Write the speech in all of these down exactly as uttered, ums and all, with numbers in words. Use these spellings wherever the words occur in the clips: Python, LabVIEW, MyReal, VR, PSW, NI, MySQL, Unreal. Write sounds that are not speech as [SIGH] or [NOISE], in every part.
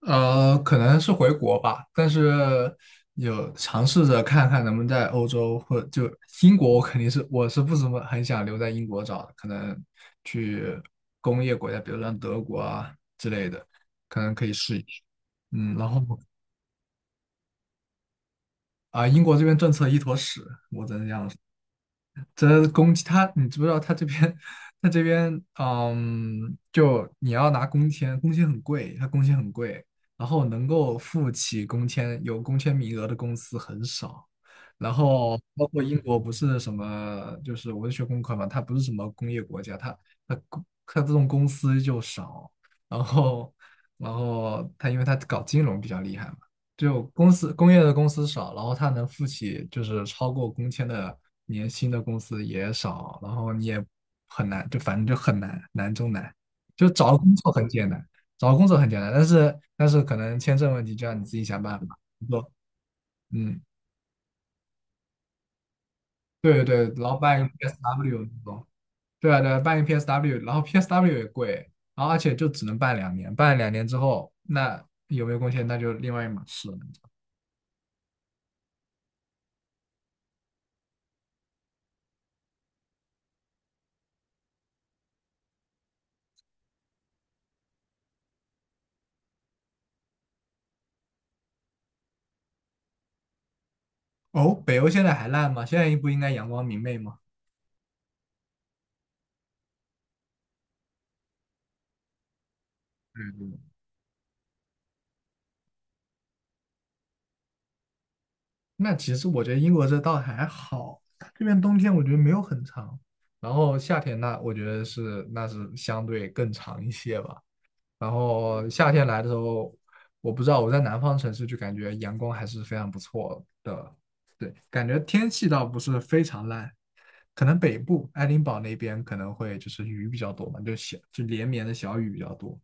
呃，可能是回国吧，但是有尝试着看看能不能在欧洲或就英国，我肯定是我是不怎么很想留在英国找的，可能去工业国家，比如像德国啊，可能可以试一试。嗯，然后啊、英国这边政策一坨屎，我只能这样说。这公积他，你知不知道他这边，他这边，嗯，就你要拿工签，工签很贵，他工签很贵，然后能够付起工签有工签名额的公司很少，然后包括英国不是什么，就是我是学工科嘛，它不是什么工业国家，它它公它这种公司就少，然后然后它因为它搞金融比较厉害嘛。就公司工业的公司少，然后他能付起就是超过工签的年薪的公司也少，然后你也很难，就反正就很难，难中难。就找工作很简单，找工作很简单，但是但是可能签证问题就要你自己想办法。不，嗯，对对对，然后办一个 P S W 那种，对啊对啊办一个 P S W，然后 P S W 也贵，然后而且就只能办两年，办了两年之后，那有没有贡献那就另外一码事了。哦，北欧现在还烂吗？现在不应该阳光明媚吗？嗯嗯，那其实我觉得英国这倒还好，这边冬天我觉得没有很长，然后夏天那我觉得是那是相对更长一些吧。然后夏天来的时候，我不知道我在南方城市就感觉阳光还是非常不错的，对，感觉天气倒不是非常烂，可能北部爱丁堡那边可能会就是雨比较多嘛，就小就连绵的小雨比较多，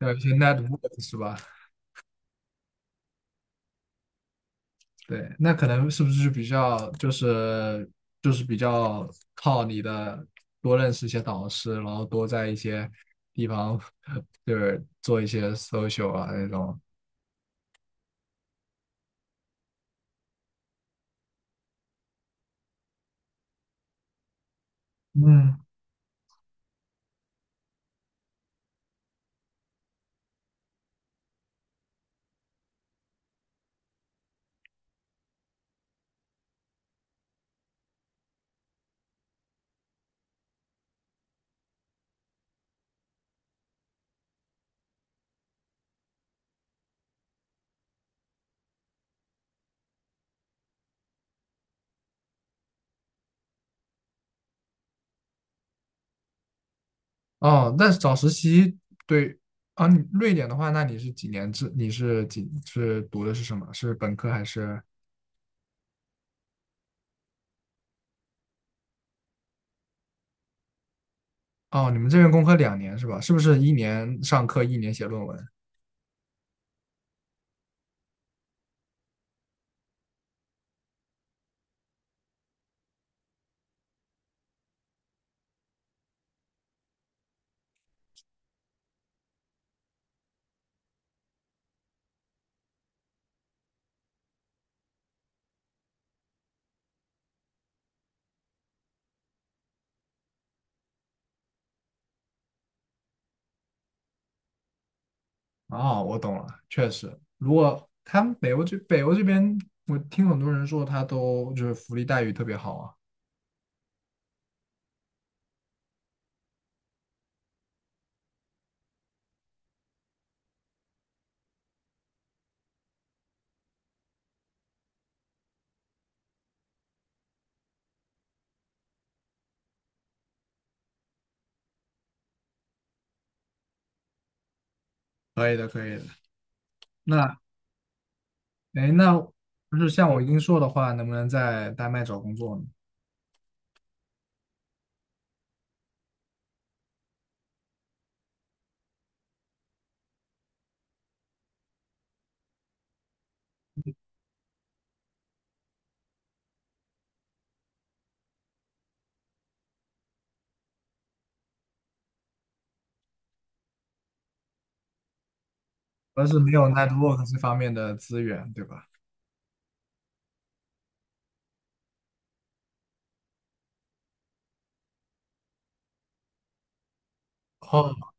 还有一些 n i g h t w o o d 是吧？对，那可能是不是就比较就是就是比较靠你的多认识一些导师，然后多在一些地方 [LAUGHS] 就是做一些 social 啊那种。嗯，哦，那找实习对啊，你瑞典的话，那你是几年制？你是几是读的是什么？是本科还是？哦，你们这边工科两年是吧？是不是一年上课，一年写论文？哦，我懂了，确实，如果他们北欧这北欧这边，我听很多人说他都就是福利待遇特别好啊。可以的，可以的。那哎，那不是像我英硕的话，能不能在丹麦找工作呢？主要是没有 network 这方面的资源，对吧？哦，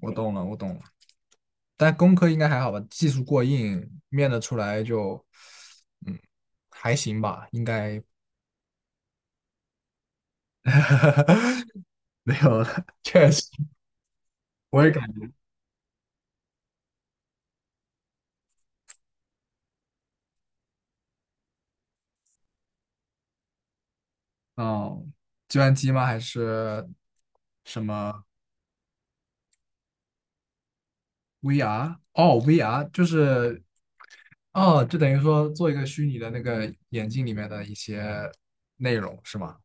我懂了，我懂了。但工科应该还好吧？技术过硬，面得出来就，嗯，还行吧，应该 [LAUGHS] 没有了。确实，我也感。哦，计算机吗？还是什么 V R？哦，V R 就是哦，就等于说做一个虚拟的那个眼镜里面的一些内容是吗？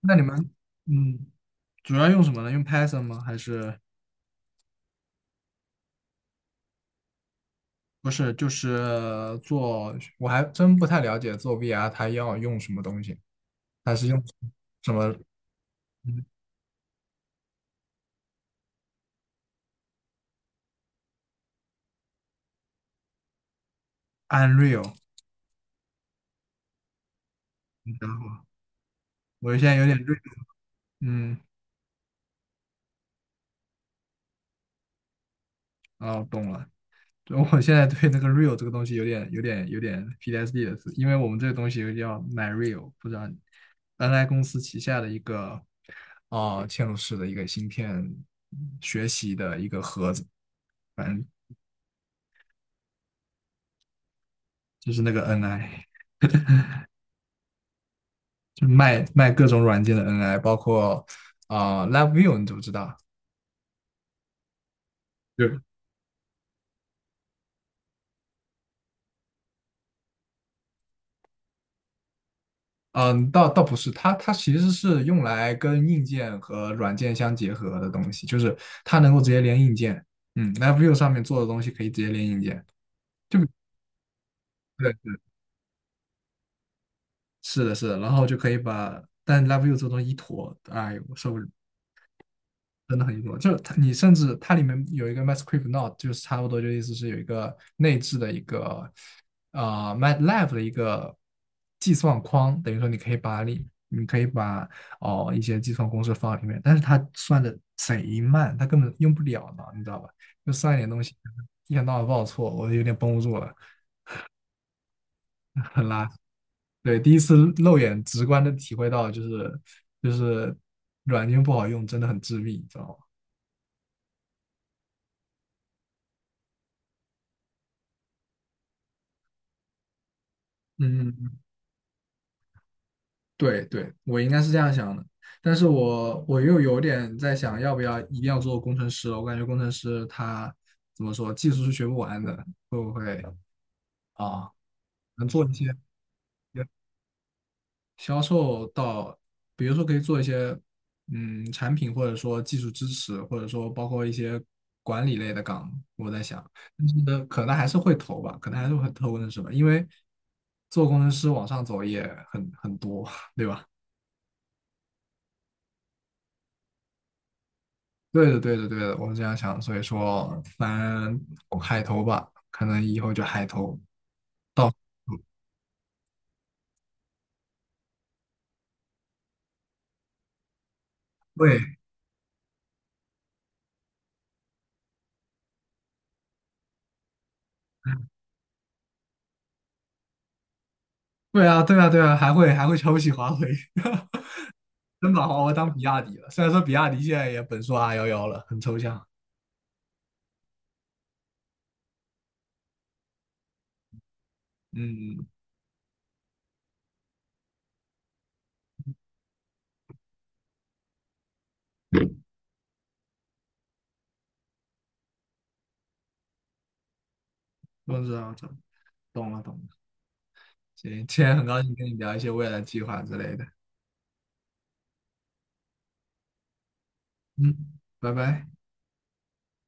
那你们嗯，主要用什么呢？用 Python 吗？还是不是？就是做，我还真不太了解做 V R 它要用什么东西，还是用什么嗯 Unreal？然后我现在有点 r。 嗯，哦，懂了。我现在对那个 real 这个东西有点、有点、有点 P T S D 的是，因为我们这个东西又叫 MyReal，不知道你 N I 公司旗下的一个呃嵌入式的一个芯片学习的一个盒子，反正就是那个 N I，就卖卖各种软件的 N I，包括啊、呃 LabVIEW，你知不知道？就。嗯，倒倒不是，它它其实是用来跟硬件和软件相结合的东西，就是它能够直接连硬件。嗯 l v e v i e w 上面做的东西可以直接连硬件，就对，是的，是的，然后就可以把，但 l v e v i e w 这东西一坨，哎呦，我受不了。真的很多，就是它，你甚至它里面有一个 MySQL n o t e 就是差不多就意思是有一个内置的一个呃 m a t l a e 的一个计算框，等于说你可以把你你可以把哦一些计算公式放在里面，但是它算的贼慢，它根本用不了呢，你知道吧？就算一点东西，一天到晚报错，我有点绷不住了，[LAUGHS] 很垃圾。对，第一次肉眼直观的体会到，就是就是软件不好用，真的很致命，你知道吗？嗯，对对，我应该是这样想的，但是我我又有点在想，要不要一定要做工程师了？我感觉工程师他怎么说，技术是学不完的，会不会啊？能做一些销售到，比如说可以做一些嗯产品，或者说技术支持，或者说包括一些管理类的岗，我在想，但是可能还是会投吧，可能还是会投工程师吧，因为做工程师往上走也很很多。对的，对的，对的，我是这样想，所以说，反正我海投吧，可能以后就海投到，对，对啊，对啊，对啊，还会还会瞧不起华为，[LAUGHS] 真把华为当比亚迪了。虽然说比亚迪现在也本硕 r 幺幺了，很抽象。嗯，我知道，懂懂了，懂了。行，今天很高兴跟你聊一些未来计划之类的。嗯，拜拜。